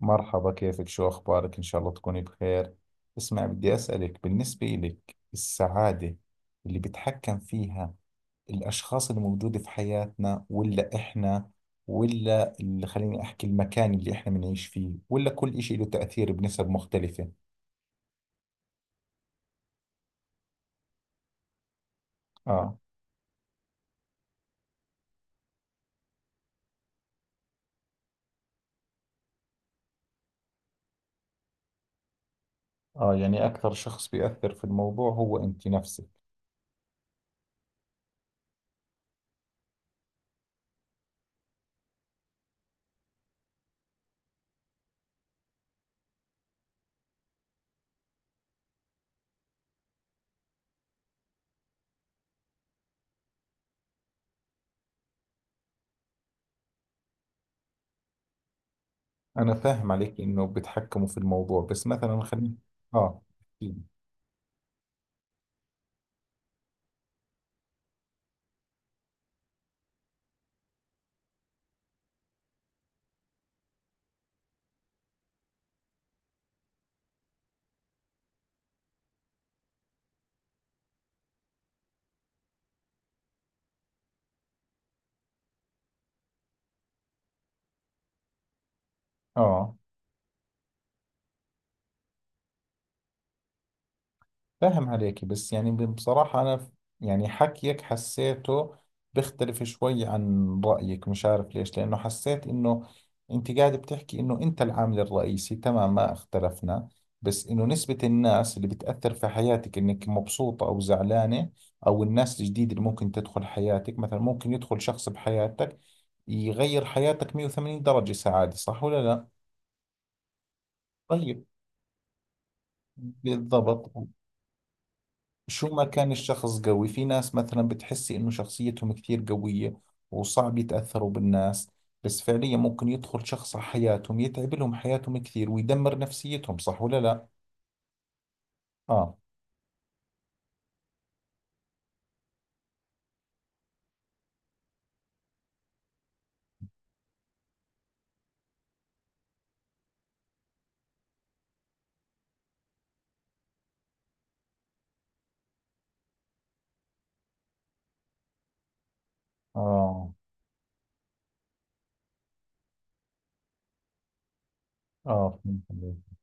مرحبا، كيفك؟ شو أخبارك؟ إن شاء الله تكوني بخير. اسمع، بدي أسألك بالنسبة إلك السعادة اللي بتحكم فيها الأشخاص اللي موجودة في حياتنا، ولا إحنا، ولا اللي خليني أحكي المكان اللي إحنا بنعيش فيه، ولا كل إشي له تأثير بنسب مختلفة؟ آه. آه، يعني أكثر شخص بيأثر في الموضوع هو أنت نفسك. أنا فاهم عليك إنه بتحكموا في الموضوع، بس مثلا خليني. آه. أكيد. آه، فاهم عليكي، بس يعني بصراحة أنا يعني حكيك حسيته بيختلف شوي عن رأيك، مش عارف ليش، لأنه حسيت إنه أنت قاعد بتحكي إنه أنت العامل الرئيسي، تمام، ما اختلفنا. بس إنه نسبة الناس اللي بتأثر في حياتك إنك مبسوطة أو زعلانة، أو الناس الجديدة اللي ممكن تدخل حياتك، مثلا ممكن يدخل شخص بحياتك يغير حياتك 180 درجة سعادة، صح ولا لا؟ طيب. بالضبط. شو ما كان الشخص قوي، في ناس مثلا بتحسي انه شخصيتهم كثير قوية وصعب يتأثروا بالناس، بس فعليا ممكن يدخل شخص على حياتهم يتعب لهم حياتهم كثير ويدمر نفسيتهم، صح ولا لا؟ اه. اه. اه، فهمت عليك.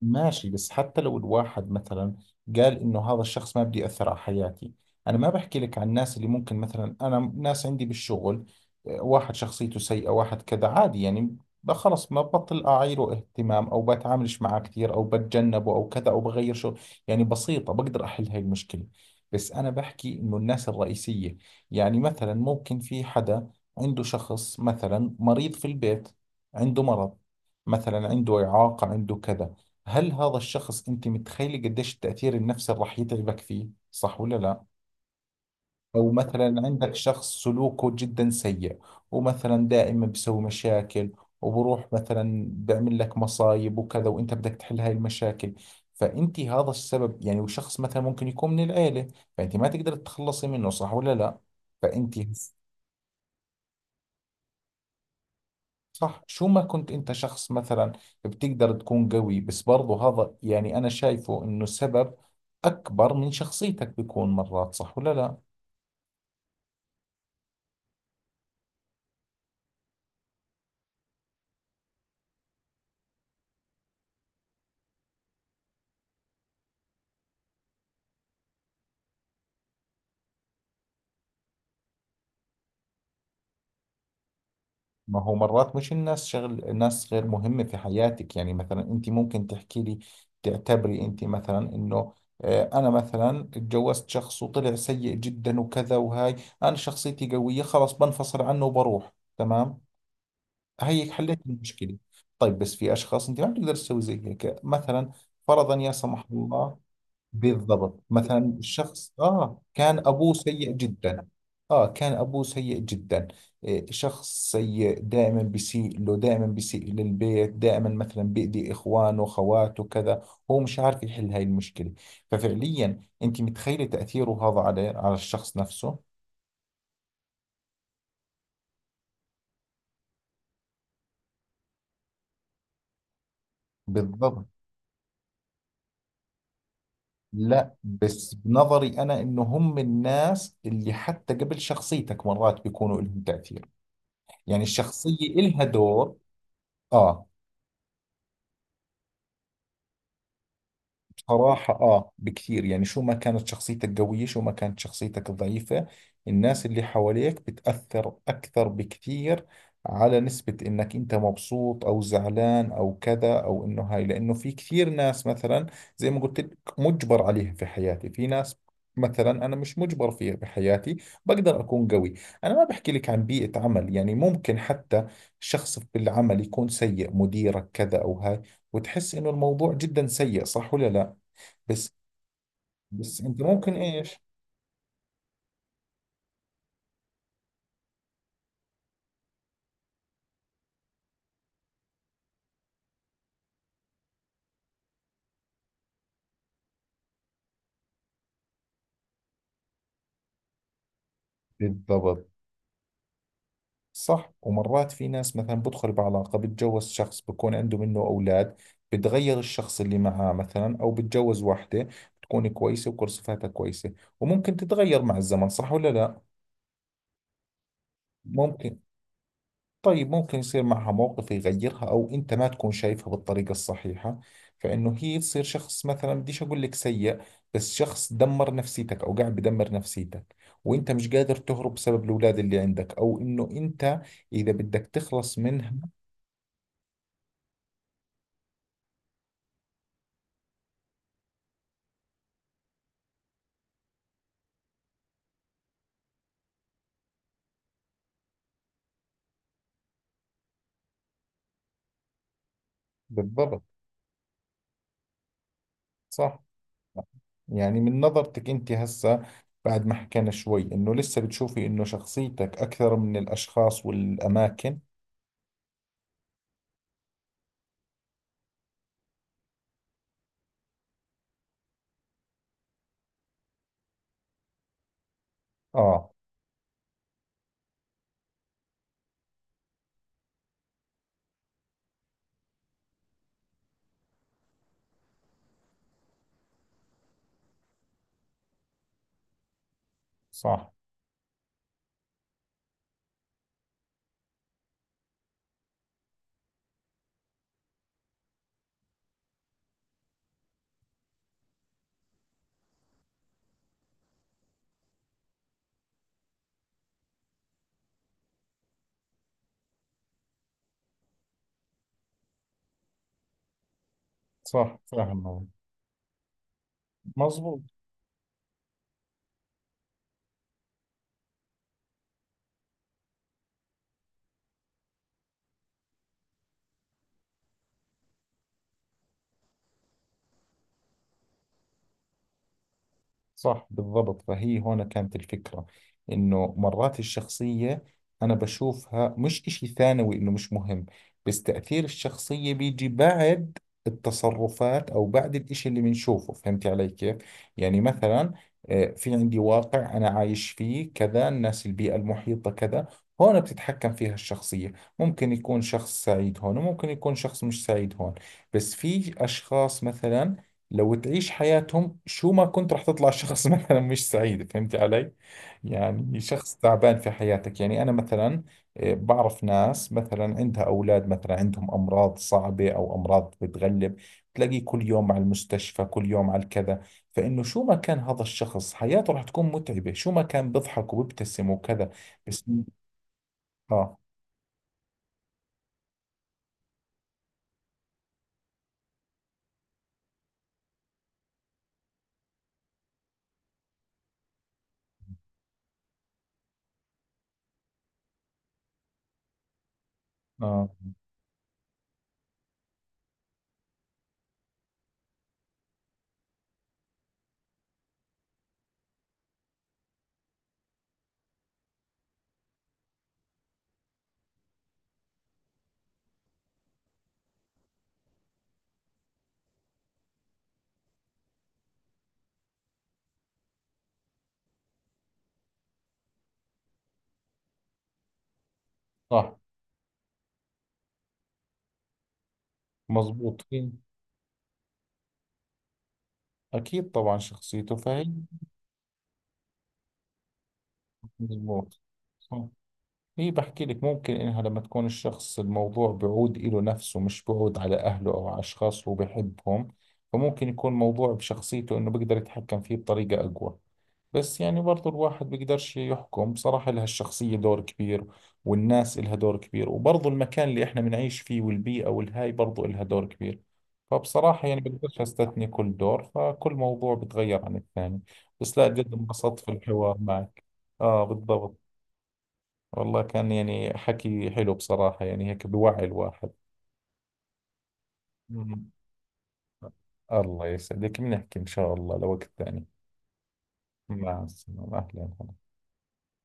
ماشي، بس حتى لو الواحد مثلا قال انه هذا الشخص ما بدي يأثر على حياتي، انا ما بحكي لك عن الناس اللي ممكن مثلا، انا ناس عندي بالشغل آه، واحد شخصيته سيئة، واحد كذا، عادي يعني، خلص ما ببطل اعيره اهتمام او بتعاملش معاه كثير او بتجنبه او كذا او بغير شغل، يعني بسيطة بقدر احل هاي المشكلة. بس انا بحكي انه الناس الرئيسية، يعني مثلا ممكن في حدا عنده شخص مثلا مريض في البيت، عنده مرض، مثلا عنده إعاقة، عنده كذا، هل هذا الشخص انت متخيلة قديش التأثير النفسي راح يتعبك فيه؟ صح ولا لا؟ او مثلا عندك شخص سلوكه جدا سيء، ومثلا دائما بيسوي مشاكل، وبروح مثلا بيعمل لك مصايب وكذا، وانت بدك تحل هاي المشاكل، فانت هذا السبب يعني، وشخص مثلا ممكن يكون من العيلة، فانت ما تقدر تتخلصي منه، صح ولا لا؟ فانت صح. شو ما كنت انت شخص مثلا بتقدر تكون قوي، بس برضو هذا يعني انا شايفه انه سبب اكبر من شخصيتك بيكون مرات، صح ولا لا؟ ما هو مرات مش الناس، شغل ناس غير مهمة في حياتك، يعني مثلا انت ممكن تحكي لي، تعتبري انت مثلا انه آه، انا مثلا اتجوزت شخص وطلع سيء جدا وكذا وهاي، انا شخصيتي قوية خلاص بنفصل عنه وبروح، تمام هيك حليت المشكلة. طيب، بس في أشخاص أنت ما بتقدر تسوي زي هيك، مثلا فرضا يا سمح الله. بالضبط، مثلا الشخص آه كان أبوه سيء جدا. آه كان أبوه سيء جدا، إيه، شخص سيء دائما بيسيء له، دائما بيسيء للبيت، دائما مثلا بيأذي إخوانه خواته كذا، هو مش عارف يحل هاي المشكلة، ففعليا أنت متخيلة تأثيره هذا على الشخص نفسه. بالضبط. لا، بس بنظري أنا إنه هم الناس اللي حتى قبل شخصيتك مرات بيكونوا لهم تأثير، يعني الشخصية إلها دور. آه. صراحة آه، بكثير، يعني شو ما كانت شخصيتك قوية، شو ما كانت شخصيتك ضعيفة، الناس اللي حواليك بتأثر أكثر بكثير على نسبة إنك أنت مبسوط أو زعلان أو كذا أو إنه هاي، لأنه في كثير ناس مثلا، زي ما قلت لك، مجبر عليها في حياتي، في ناس مثلا أنا مش مجبر فيها بحياتي، بقدر أكون قوي. أنا ما بحكي لك عن بيئة عمل، يعني ممكن حتى شخص بالعمل يكون سيء، مديرك كذا أو هاي، وتحس إنه الموضوع جدا سيء، صح ولا لا؟ بس بس انت ممكن ايش. بالضبط. صح، ومرات في ناس مثلا بدخل بعلاقة، بتجوز شخص بكون عنده منه أولاد، بتغير الشخص اللي معاه، مثلا أو بتجوز واحدة بتكون كويسة وكل صفاتها كويسة، وممكن تتغير مع الزمن، صح ولا لا؟ ممكن. طيب، ممكن يصير معها موقف يغيرها، أو أنت ما تكون شايفها بالطريقة الصحيحة، فإنه هي تصير شخص مثلا، بديش أقول لك سيء، بس شخص دمر نفسيتك أو قاعد بدمر نفسيتك، وأنت مش قادر تهرب بسبب الأولاد اللي عندك، أو إنه أنت إذا بدك تخلص منها. بالضبط. صح. يعني من نظرتك أنت هسه، بعد ما حكينا شوي، إنه لسه بتشوفي إنه شخصيتك أكثر من الأشخاص والأماكن؟ آه. صح. صح فاهم. مظبوط. صح، بالضبط، فهي هون كانت الفكرة، إنه مرات الشخصية أنا بشوفها مش إشي ثانوي إنه مش مهم، بس تأثير الشخصية بيجي بعد التصرفات، أو بعد الإشي اللي بنشوفه، فهمتي علي كيف؟ يعني مثلا آه، في عندي واقع أنا عايش فيه كذا، الناس، البيئة المحيطة كذا، هون بتتحكم فيها الشخصية، ممكن يكون شخص سعيد هون، وممكن يكون شخص مش سعيد هون، بس في أشخاص مثلا لو تعيش حياتهم، شو ما كنت رح تطلع شخص مثلا مش سعيد، فهمتي علي؟ يعني شخص تعبان في حياتك، يعني أنا مثلا آه، بعرف ناس مثلا عندها أولاد مثلا عندهم أمراض صعبة أو أمراض بتغلب، تلاقيه كل يوم على المستشفى، كل يوم على الكذا، فإنه شو ما كان هذا الشخص حياته رح تكون متعبة، شو ما كان بيضحك وبيبتسم وكذا. بس. آه. آه. صح. مزبوط أكيد طبعا شخصيته. فهي مزبوط. صح، هي بحكي لك ممكن إنها لما تكون الشخص، الموضوع بعود إله نفسه، مش بعود على أهله أو على أشخاص اللي هو بحبهم، فممكن يكون موضوع بشخصيته إنه بيقدر يتحكم فيه بطريقة أقوى، بس يعني برضو الواحد بيقدرش يحكم، بصراحة لها الشخصية دور كبير، والناس لها دور كبير، وبرضو المكان اللي إحنا بنعيش فيه والبيئة والهاي برضو لها دور كبير، فبصراحة يعني بقدرش أستثني كل دور، فكل موضوع بتغير عن الثاني. بس لا جد انبسطت في الحوار معك. آه، بالضبط. والله كان يعني حكي حلو بصراحة، يعني هيك بوعي الواحد. مم. الله يسعدك، بنحكي إن شاء الله لوقت ثاني. مع السلامة، أهلا.